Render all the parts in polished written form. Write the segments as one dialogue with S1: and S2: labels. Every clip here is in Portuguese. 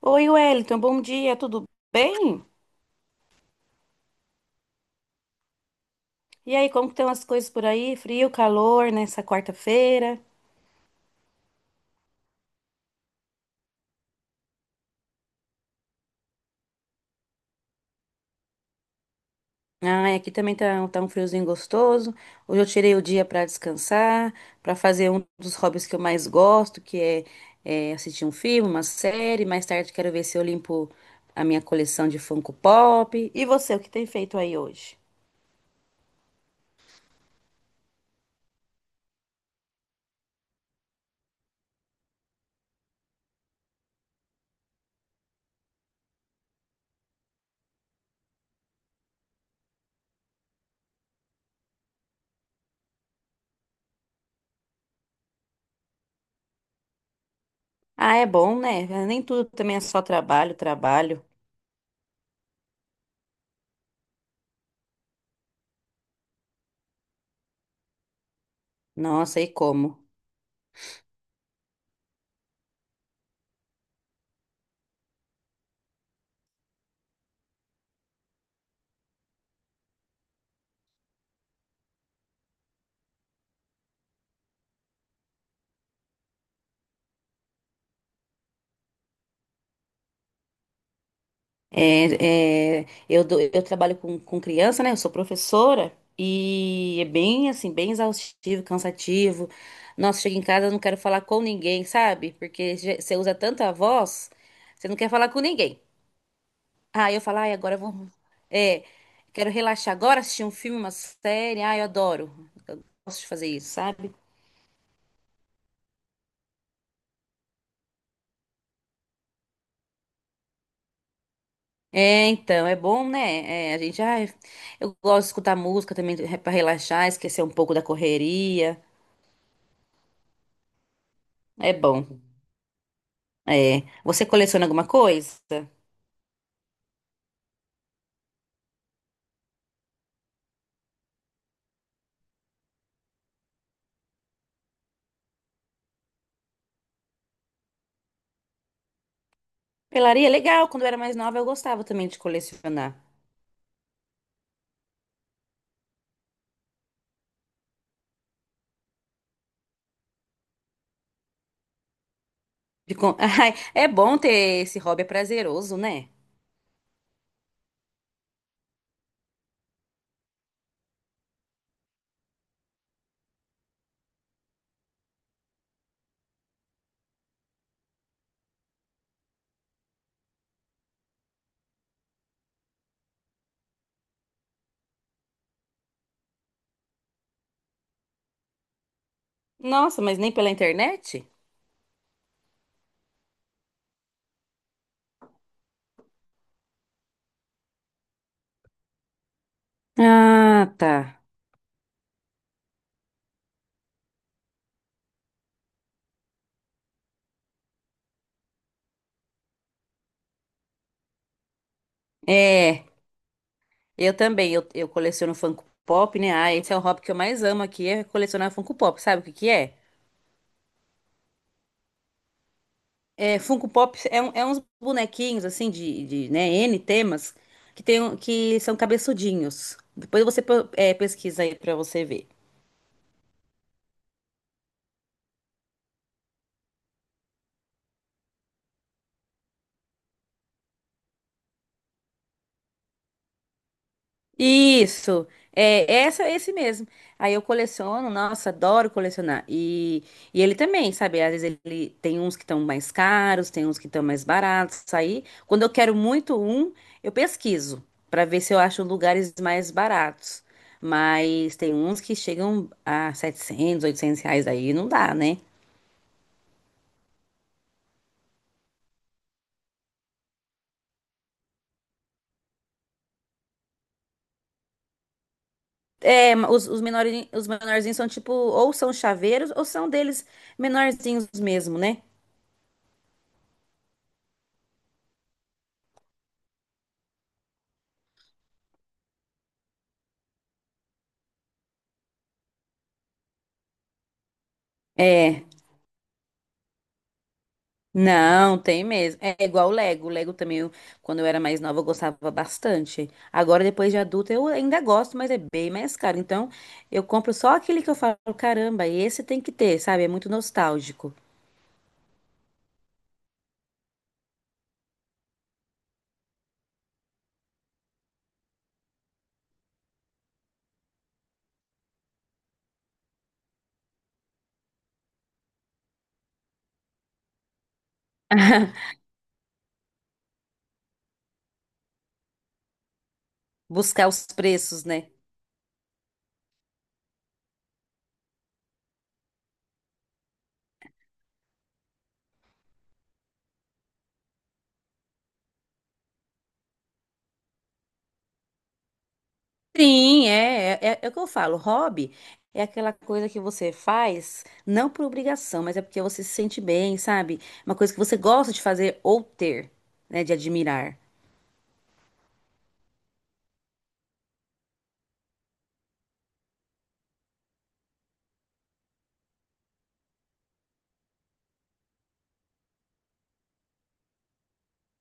S1: Oi, Wellington, bom dia, tudo bem? E aí, como que estão as coisas por aí? Frio, calor nessa quarta-feira? Ah, é, aqui também tá um friozinho gostoso. Hoje eu tirei o dia para descansar, para fazer um dos hobbies que eu mais gosto, que é assistir um filme, uma série. Mais tarde quero ver se eu limpo a minha coleção de Funko Pop. E você, o que tem feito aí hoje? Ah, é bom, né? Nem tudo também é só trabalho, trabalho. Nossa, e como? Eu trabalho com criança, né? Eu sou professora e é bem assim, bem exaustivo, cansativo. Nossa, chego em casa, eu não quero falar com ninguém, sabe? Porque você usa tanta voz, você não quer falar com ninguém. Ah, eu falo, ai, agora eu vou. É, quero relaxar agora, assistir um filme, uma série. Ai, eu adoro. Gosto de fazer isso, sabe? É, então, é bom, né? É, a gente, ai, eu gosto de escutar música também para relaxar, esquecer um pouco da correria. É bom. É. Você coleciona alguma coisa? Pelaria, é legal. Quando eu era mais nova, eu gostava também de colecionar. Ai, é bom ter esse hobby, é prazeroso, né? Nossa, mas nem pela internet? Ah, tá. É, eu também. Eu coleciono Funko Pop, né? Ah, esse é o hobby que eu mais amo aqui, é colecionar Funko Pop. Sabe o que que é? É, Funko Pop é, um- é uns bonequinhos, assim, de, né, N temas, que, que são cabeçudinhos. Depois você pesquisa aí pra você ver. Isso, é essa, esse mesmo. Aí eu coleciono, nossa, adoro colecionar. E ele também, sabe? Às vezes ele tem uns que estão mais caros, tem uns que estão mais baratos. Aí, quando eu quero muito um, eu pesquiso para ver se eu acho lugares mais baratos. Mas tem uns que chegam a 700, 800 reais aí, não dá, né? É, os menores, os menorzinhos são tipo, ou são chaveiros, ou são deles menorzinhos mesmo, né? É. Não, tem mesmo. É igual o Lego. O Lego também, quando eu era mais nova, eu gostava bastante. Agora, depois de adulta, eu ainda gosto, mas é bem mais caro. Então, eu compro só aquele que eu falo, caramba, esse tem que ter, sabe? É muito nostálgico. Buscar os preços, né? Sim, é o que eu falo. Hobby é aquela coisa que você faz, não por obrigação, mas é porque você se sente bem, sabe? Uma coisa que você gosta de fazer ou ter, né? De admirar.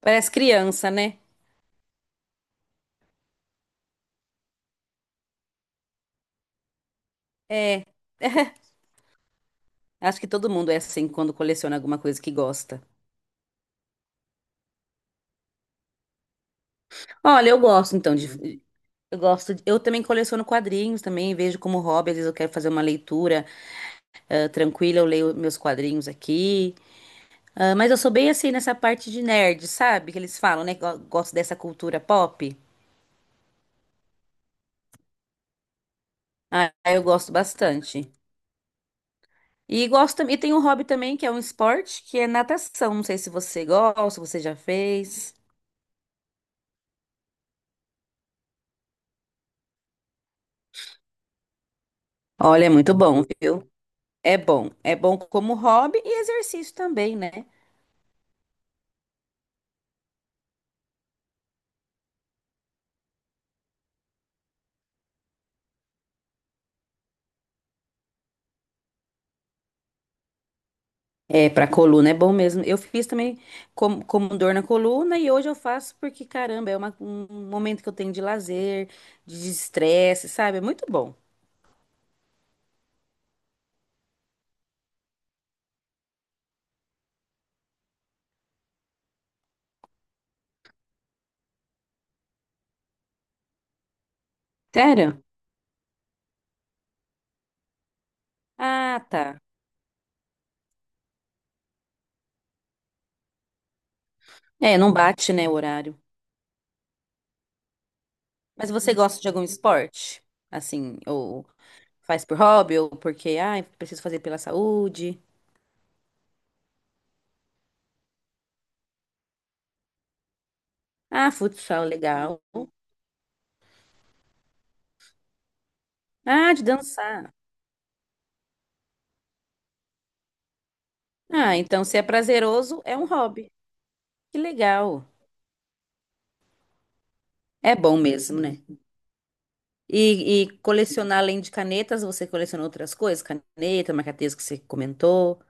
S1: Parece criança, né? É. Acho que todo mundo é assim quando coleciona alguma coisa que gosta. Olha, eu gosto então de. Eu Eu também coleciono quadrinhos também, vejo como hobby, às vezes eu quero fazer uma leitura tranquila, eu leio meus quadrinhos aqui. Ah, mas eu sou bem assim nessa parte de nerd, sabe? Que eles falam, né? Que gosto dessa cultura pop. Ah, eu gosto bastante. E gosto também. E tem um hobby também que é um esporte, que é natação. Não sei se você gosta, se você já fez. Olha, é muito bom, viu? É bom. É bom como hobby e exercício também, né? É, pra coluna é bom mesmo. Eu fiz também como, como dor na coluna e hoje eu faço porque, caramba, é um momento que eu tenho de lazer, de desestresse, sabe? É muito bom. Sério? Ah, tá. É, não bate, né, o horário. Mas você gosta de algum esporte? Assim, ou faz por hobby, ou porque, ah, preciso fazer pela saúde. Ah, futsal, legal. Ah, de dançar. Ah, então se é prazeroso, é um hobby. Que legal. É bom mesmo, né? E colecionar além de canetas, você coleciona outras coisas? Caneta, marca-texto que você comentou.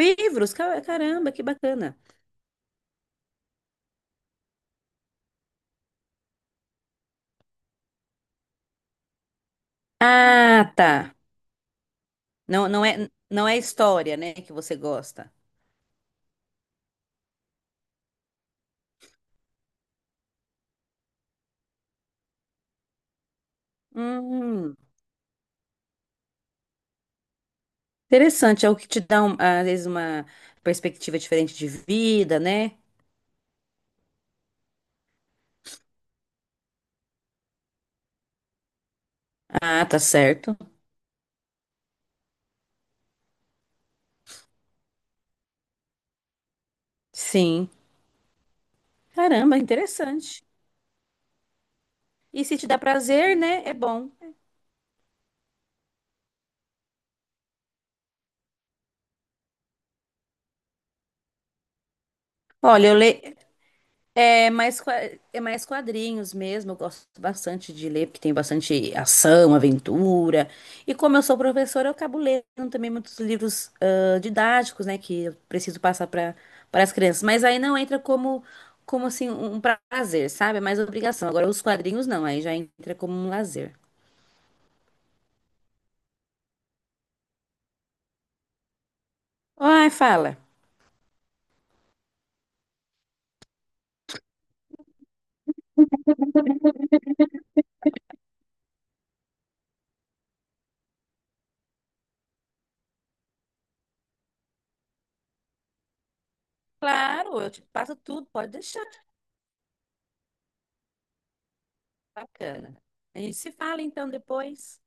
S1: Livros, caramba, que bacana. Ah, tá. Não, não é, não é história, né, que você gosta. Hum, interessante, é o que te dá, um- às vezes, uma perspectiva diferente de vida, né? Ah, tá certo. Sim. Caramba, interessante. E se te dá prazer, né? É bom. Olha, eu leio. É mais, qua- é mais quadrinhos mesmo. Eu gosto bastante de ler, porque tem bastante ação, aventura. E como eu sou professora, eu acabo lendo também muitos livros didáticos, né? Que eu preciso passar para as crianças. Mas aí não entra como assim, um prazer, sabe? É mais obrigação. Agora, os quadrinhos não, aí já entra como um lazer. Ai, fala. Claro, eu te passo tudo, pode deixar. Bacana. A gente se fala então depois.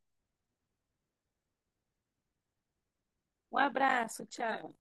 S1: Um abraço, tchau.